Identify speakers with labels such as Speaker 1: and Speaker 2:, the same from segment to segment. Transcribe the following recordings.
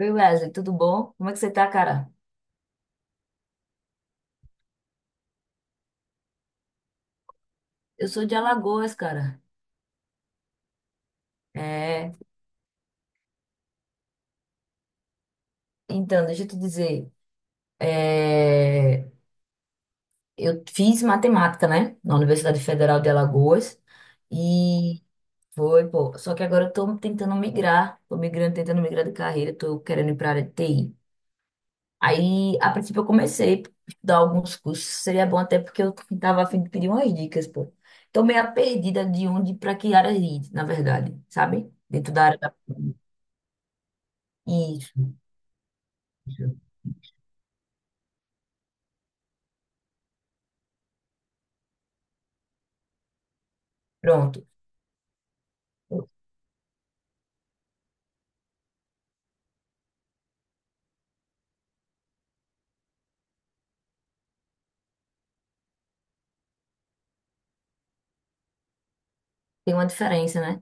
Speaker 1: Oi, Wesley, tudo bom? Como é que você tá, cara? Eu sou de Alagoas, cara. É, então, deixa eu te dizer. é, eu fiz matemática, né? Na Universidade Federal de Alagoas. E foi, pô. Só que agora eu tô tentando migrar. Tô migrando, tentando migrar de carreira. Tô querendo ir pra área de TI. Aí, a princípio, eu comecei a estudar alguns cursos. Seria bom até porque eu tava a fim de pedir umas dicas, pô. Tô meio perdida de onde pra que área ir, na verdade, sabe? Dentro da área da... Isso. Pronto. Tem uma diferença, né?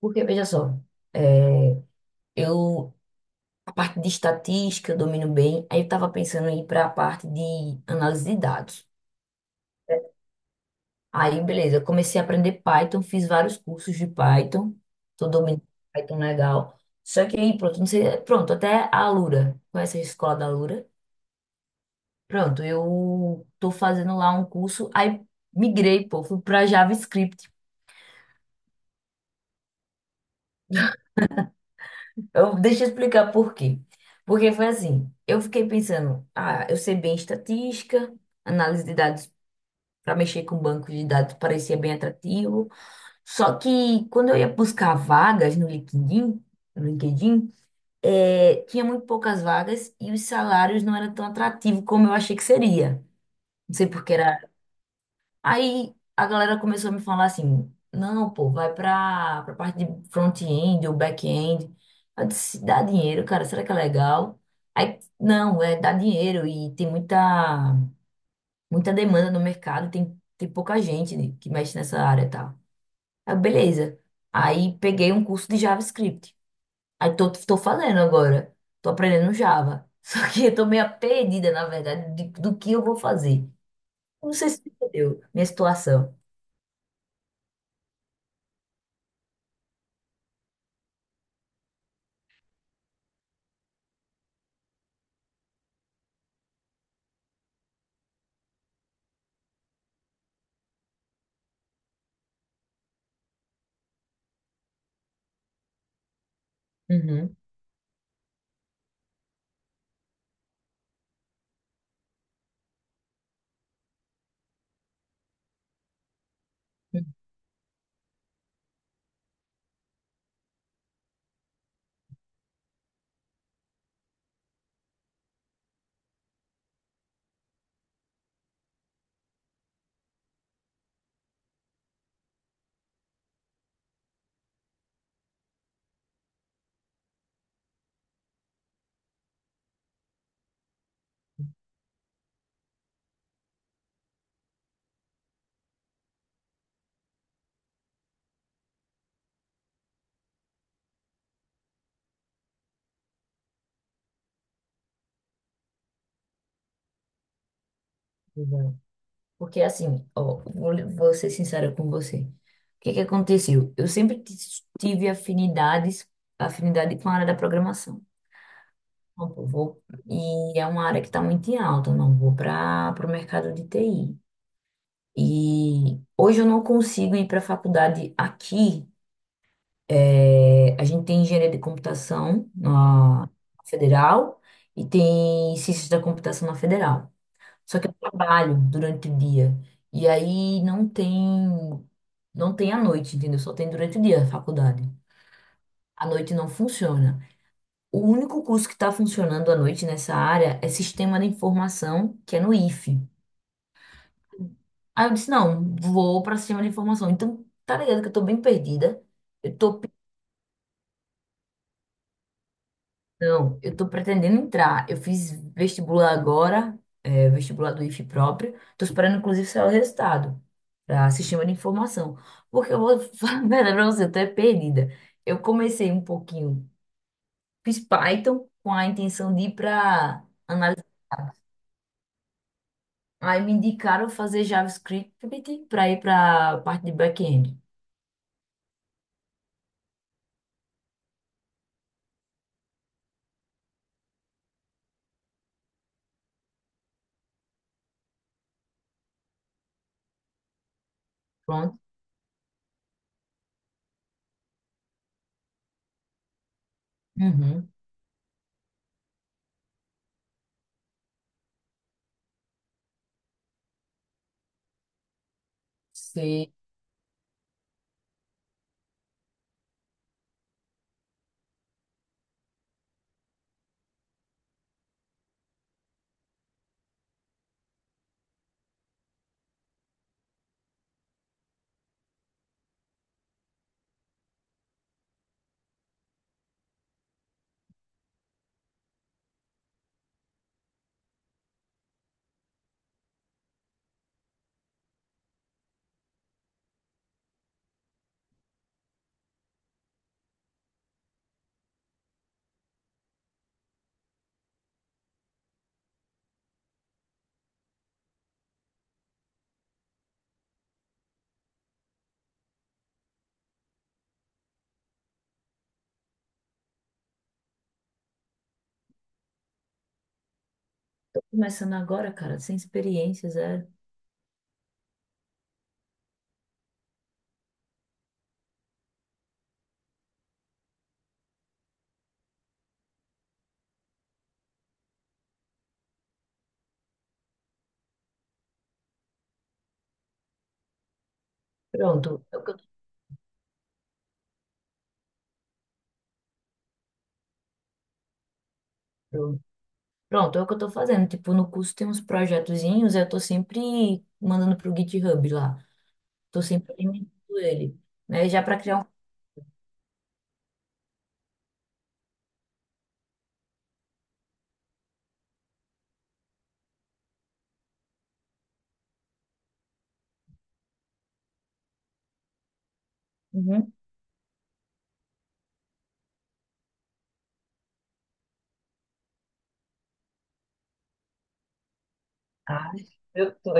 Speaker 1: Porque, veja só, é, eu, a parte de estatística eu domino bem, aí eu estava pensando em ir para a parte de análise de dados. Aí, beleza, eu comecei a aprender Python, fiz vários cursos de Python, tô dominando Python legal. Só que aí, pronto, não sei, pronto, até a Alura, conhece a escola da Alura? Pronto, eu tô fazendo lá um curso, aí migrei, pô, fui para JavaScript. Eu, deixa eu explicar por quê. Porque foi assim, eu fiquei pensando, ah, eu sei bem estatística, análise de dados para mexer com banco de dados parecia bem atrativo. Só que quando eu ia buscar vagas no LinkedIn, no LinkedIn, tinha muito poucas vagas e os salários não eram tão atrativos como eu achei que seria. Não sei porque. Aí a galera começou a me falar assim: não, pô, vai pra, parte de front-end ou back-end. Eu disse: dá dinheiro, cara, será que é legal? Aí, não, é dá dinheiro e tem muita, muita demanda no mercado, tem, pouca gente que mexe nessa área e tal. Aí, beleza. Aí peguei um curso de JavaScript. Aí tô fazendo agora, tô aprendendo Java. Só que eu tô meio perdida, na verdade, do que eu vou fazer. Não sei se você entendeu minha situação. Uhum. Exato. Porque assim, ó, vou ser sincera com você. O que que aconteceu? Eu sempre tive afinidades, afinidade com a área da programação. Então, pô, vou, e é uma área que está muito em alta, não vou para o mercado de TI. E hoje eu não consigo ir para a faculdade aqui. É, a gente tem engenharia de computação na federal e tem ciências da computação na federal. Só que eu trabalho durante o dia. E aí não tem, não tem à noite, entendeu? Só tem durante o dia a faculdade. À noite não funciona. O único curso que está funcionando à noite nessa área é Sistema de Informação, que é no IFE. Aí eu disse, não, vou para Sistema de Informação. Então, tá ligado que eu tô bem perdida. Eu tô Não, eu tô pretendendo entrar. Eu fiz vestibular agora, vestibular do IFE próprio. Tô esperando, inclusive, sair o resultado para sistema de informação. Porque eu vou falar a verdade pra você, eu tô é perdida. Eu comecei um pouquinho, fiz Python com a intenção de ir para análise. Aí me indicaram fazer JavaScript para ir para parte de back-end. Pronto. Uhum. Sei. Tô começando agora, cara, sem experiência, zero. Pronto, é o que eu tô. Pronto, é o que eu tô fazendo. Tipo, no curso tem uns projetozinhos, eu tô sempre mandando pro GitHub lá. Tô sempre alimentando ele, né? Já para criar um... Uhum. Ah, eu tô.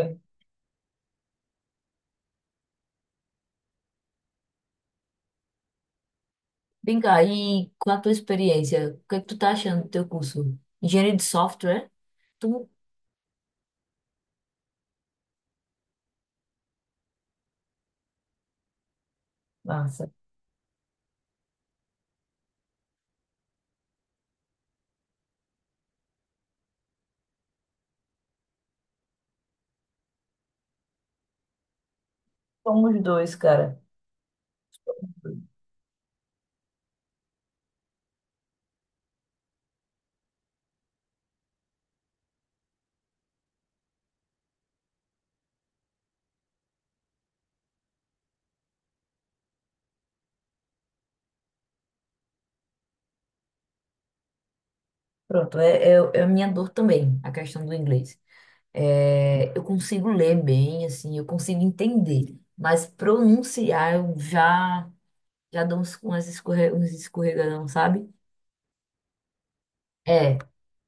Speaker 1: Vem cá, e com a tua experiência, o que é que tu tá achando do teu curso? Engenharia de software? Tu... Nossa, somos dois, cara. Pronto, é a minha dor também, a questão do inglês. É, eu consigo ler bem, assim, eu consigo entender, mas pronunciar eu já... Já dá uns, umas uns escorregadão, sabe? É.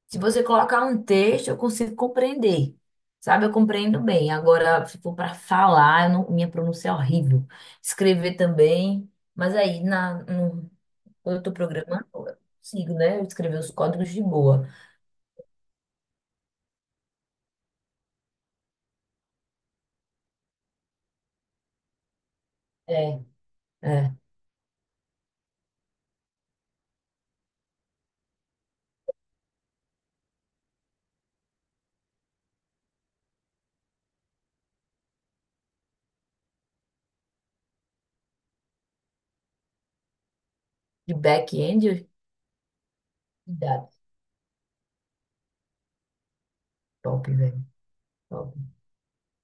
Speaker 1: Se você colocar um texto, eu consigo compreender. Sabe, eu compreendo bem. Agora, se for para falar, eu não... minha pronúncia é horrível. Escrever também. Mas aí, na, no, quando eu tô programando, eu consigo, né? Escrever os códigos de boa. É, é. De back-end, eu- cuidado. Top, velho. Top.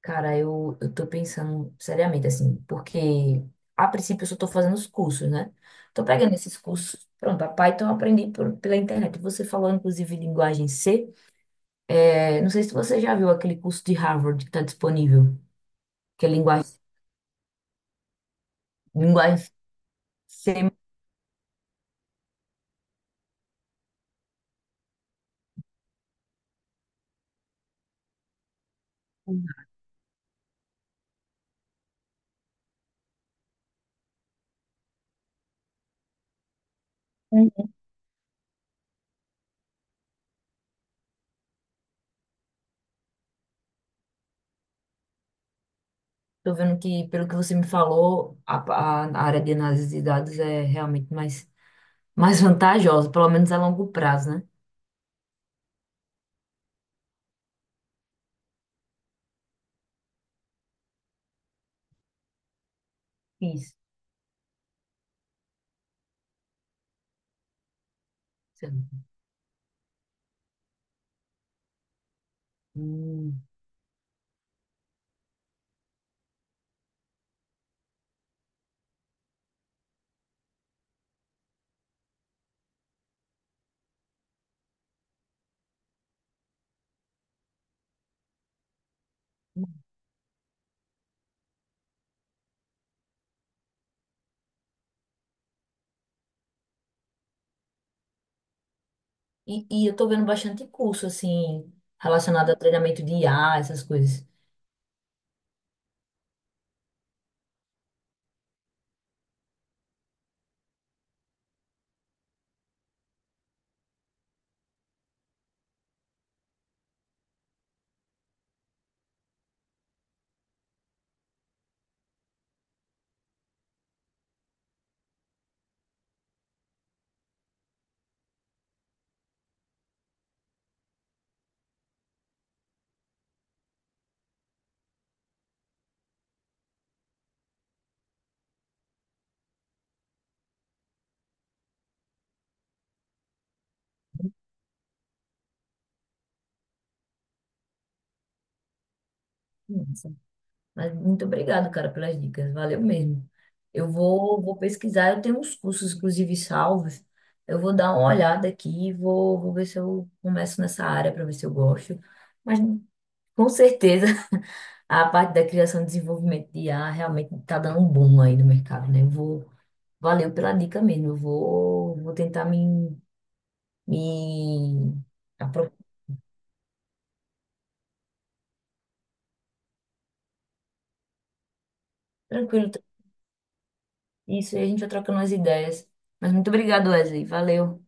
Speaker 1: Cara, eu tô pensando seriamente, assim, porque a princípio eu só tô fazendo os cursos, né? Tô pegando esses cursos. Pronto, a Python eu aprendi pela internet. Você falou, inclusive, linguagem C. É, não sei se você já viu aquele curso de Harvard que tá disponível, que é linguagem C. Uhum. Tô vendo que, pelo que você me falou, a área de análise de dados é realmente mais, mais vantajosa, pelo menos a longo prazo, né? Isso. Hum. E eu tô vendo bastante curso, assim, relacionado a treinamento de IA, essas coisas. Nossa, mas muito obrigado, cara, pelas dicas. Valeu mesmo. Eu vou, vou pesquisar. Eu tenho uns cursos, inclusive, salvos. Eu vou dar uma olhada aqui, vou, vou ver se eu começo nessa área para ver se eu gosto. Mas com certeza a parte da criação e desenvolvimento de IA realmente está dando um boom aí no mercado, né? Eu vou, valeu pela dica mesmo. Eu vou, vou tentar me, me apro-. Tranquilo. Isso, aí a gente vai trocando as ideias. Mas muito obrigado, Wesley. Valeu.